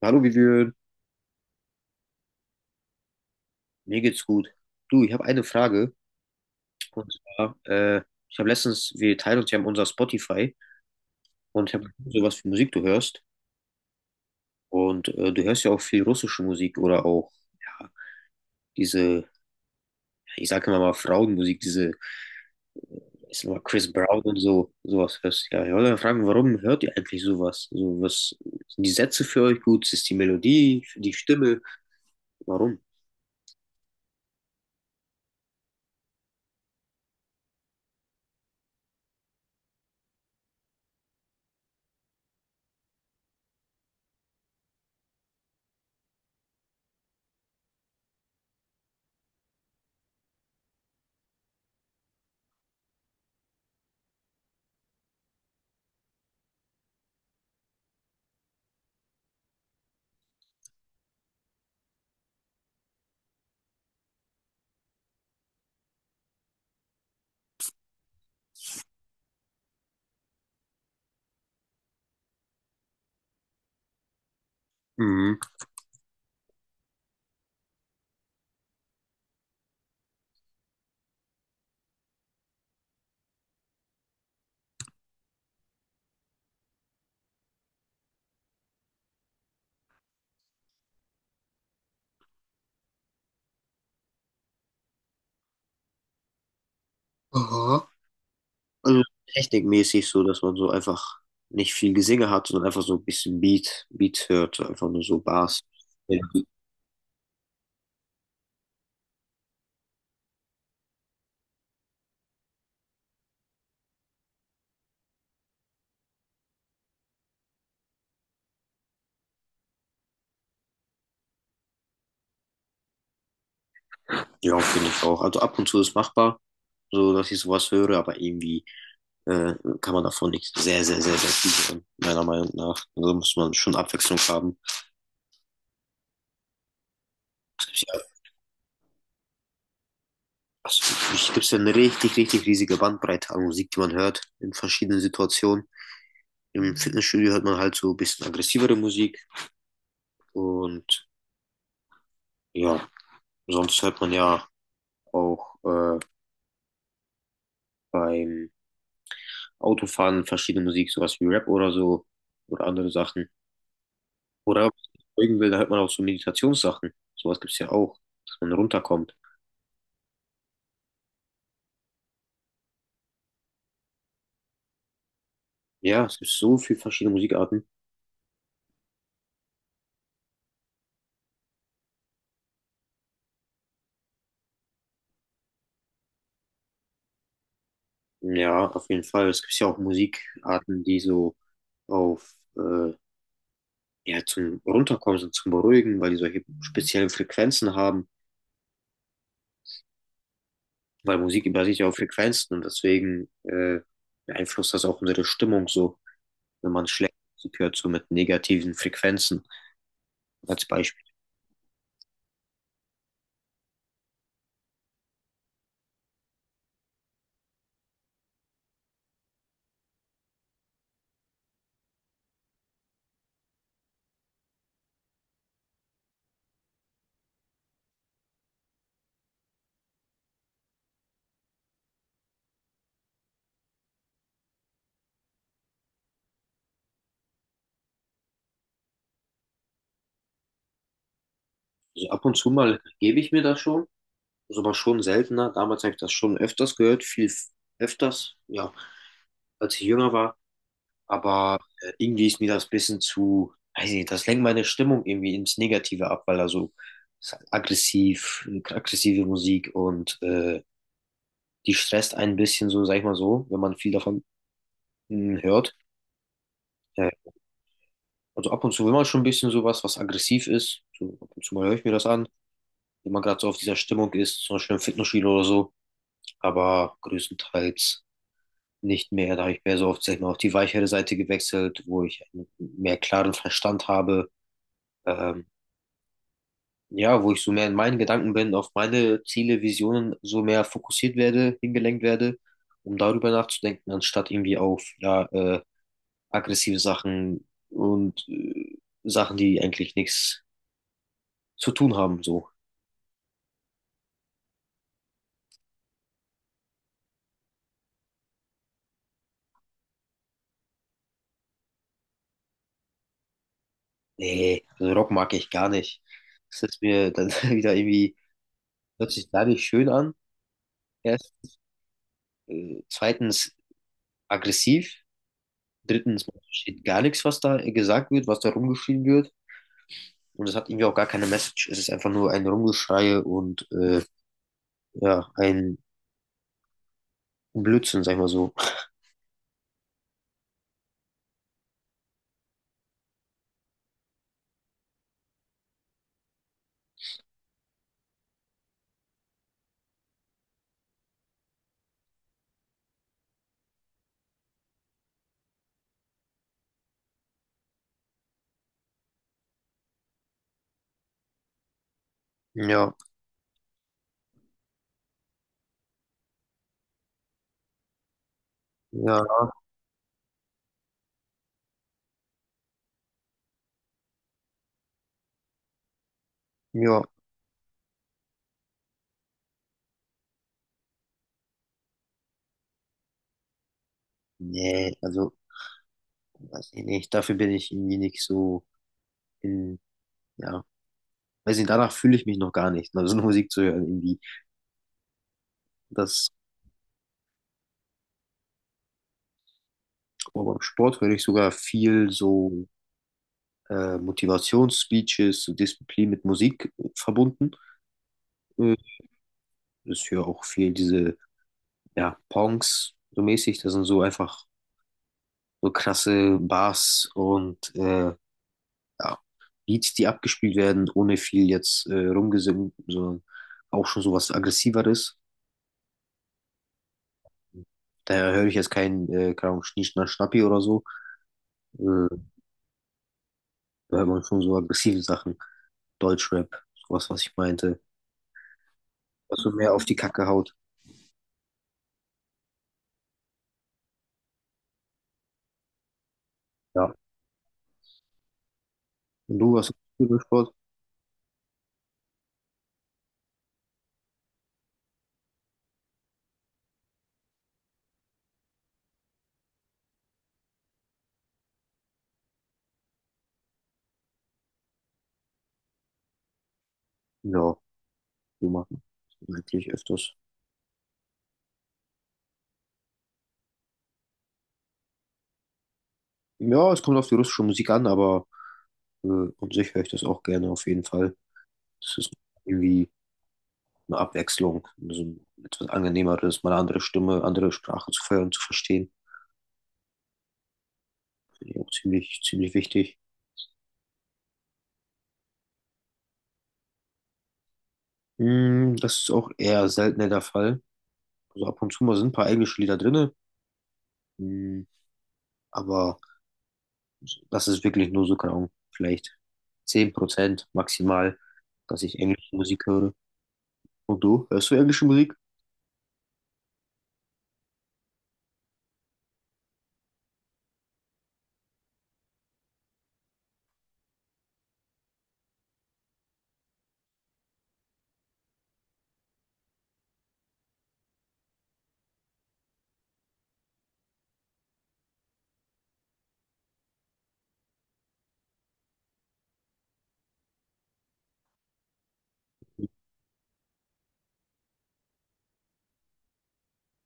Hallo Vivian, mir geht's gut. Du, ich habe eine Frage. Und zwar, ich habe letztens, wir teilen uns ja unser Spotify und ich habe sowas für Musik du hörst. Und du hörst ja auch viel russische Musik oder auch ja, diese, ja, ich sage immer mal Frauenmusik, diese, ist immer Chris Brown und so, sowas hörst. Ja, ich wollte mal fragen, warum hört ihr eigentlich sowas? So, was sind die Sätze für euch gut? Ist die Melodie, die Stimme? Warum? Mhm. Aha. Also technikmäßig so, dass man so einfach nicht viel Gesinge hat, sondern einfach so ein bisschen Beat, Beat hört, einfach nur so Bars. Ja, finde ich auch. Also ab und zu ist machbar, so dass ich sowas höre, aber irgendwie äh, kann man davon nicht sehr, sehr, sehr, sehr viel hören, meiner Meinung nach. Also muss man schon Abwechslung haben. Es gibt ja, also, es gibt ja eine richtig, richtig riesige Bandbreite an Musik, die man hört in verschiedenen Situationen. Im Fitnessstudio hört man halt so ein bisschen aggressivere Musik und ja, sonst hört man ja auch. Beim Autofahren verschiedene Musik, sowas wie Rap oder so oder andere Sachen. Oder wenn man folgen will, da hört man auch so Meditationssachen. Sowas gibt's ja auch, dass man runterkommt. Ja, es gibt so viele verschiedene Musikarten. Ja, auf jeden Fall. Es gibt ja auch Musikarten, die so auf, ja, zum Runterkommen sind, zum Beruhigen, weil die solche speziellen Frequenzen haben. Weil Musik basiert ja auf Frequenzen und deswegen beeinflusst das auch unsere Stimmung so, wenn man schlechte Musik hört, so mit negativen Frequenzen als Beispiel. Also ab und zu mal gebe ich mir das schon, ist aber schon seltener. Damals habe ich das schon öfters gehört, viel öfters, ja, als ich jünger war. Aber irgendwie ist mir das ein bisschen zu, weiß ich nicht, das lenkt meine Stimmung irgendwie ins Negative ab, weil da so ist halt aggressiv, aggressive Musik und die stresst einen ein bisschen so, sag ich mal so, wenn man viel davon hört. Äh, also ab und zu will man schon ein bisschen sowas, was aggressiv ist. So, ab und zu mal höre ich mir das an, wenn man gerade so auf dieser Stimmung ist, zum Beispiel im Fitnessstudio oder so. Aber größtenteils nicht mehr. Da habe ich mehr so auf, sag ich mal, auf die weichere Seite gewechselt, wo ich einen mehr klaren Verstand habe. Ähm, ja, wo ich so mehr in meinen Gedanken bin, auf meine Ziele, Visionen so mehr fokussiert werde, hingelenkt werde, um darüber nachzudenken, anstatt irgendwie auf ja, aggressive Sachen und Sachen, die eigentlich nichts zu tun haben. So, nee, also Rock mag ich gar nicht. Das ist mir dann wieder irgendwie, hört sich gar nicht schön an. Erst. Zweitens aggressiv, drittens man versteht gar nichts, was da gesagt wird, was da rumgeschrien wird. Und es hat irgendwie auch gar keine Message. Es ist einfach nur ein Rumgeschrei und ja, ein Blödsinn, sag ich mal so. Ja, ja, ja. Nee, also, weiß ich nicht. Dafür bin ich irgendwie nicht so in, ja, weiß nicht, danach fühle ich mich noch gar nicht, also so Musik zu hören irgendwie. Das, aber beim Sport höre ich sogar viel so Motivationsspeeches, so Disziplin mit Musik verbunden. Äh, Ist hier auch viel diese, ja, Pongs so mäßig. Das sind so einfach so krasse Bars und ja, Beats, die abgespielt werden, ohne viel jetzt rumgesungen, sondern auch schon so was Aggressiveres. Daher höre ich jetzt keinen Kram, Schnischner, Schnappi oder so. Äh, Da hört man schon so aggressive Sachen. Deutschrap, sowas, was ich meinte. Was so mehr auf die Kacke haut. Ja. Und du, was hast du für Sport? Ja, du machst eigentlich öfters. Ja, es kommt auf die russische Musik an, aber und sich höre ich das auch gerne auf jeden Fall. Das ist irgendwie eine Abwechslung, so ein etwas angenehmeres, mal eine andere Stimme, andere Sprache zu hören, zu verstehen. Finde ich auch ziemlich, ziemlich wichtig. Mm, das ist auch eher seltener der Fall. Also ab und zu mal sind ein paar englische Lieder drin, mm, aber das ist wirklich nur so kaum, vielleicht 10% maximal, dass ich englische Musik höre. Und du, hörst du englische Musik?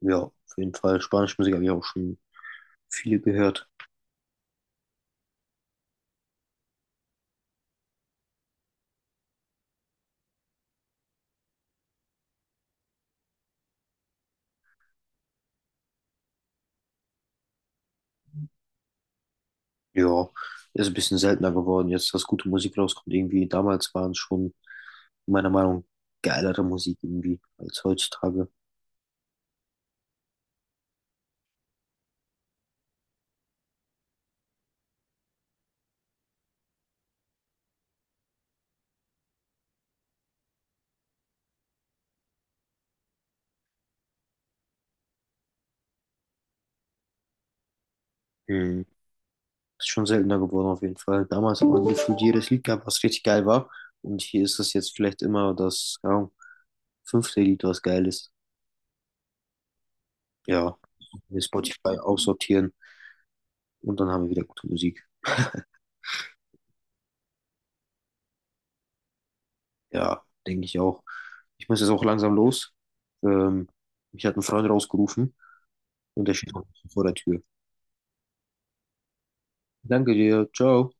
Ja, auf jeden Fall. Spanische Musik habe ich auch schon viel gehört. Ja, ist ein bisschen seltener geworden jetzt, dass gute Musik rauskommt irgendwie. Damals waren es schon, meiner Meinung nach, geilere Musik irgendwie als heutzutage. Hm. Ist schon seltener geworden auf jeden Fall. Damals hat man gefühlt jedes Lied gehabt, was richtig geil war. Und hier ist das jetzt vielleicht immer das, keine Ahnung, fünfte Lied, was geil ist. Ja, wir Spotify aussortieren und dann haben wir wieder gute Musik. Ja, denke ich auch. Ich muss jetzt auch langsam los. Ähm, mich hat ein Freund rausgerufen und der steht auch vor der Tür. Danke dir, ciao.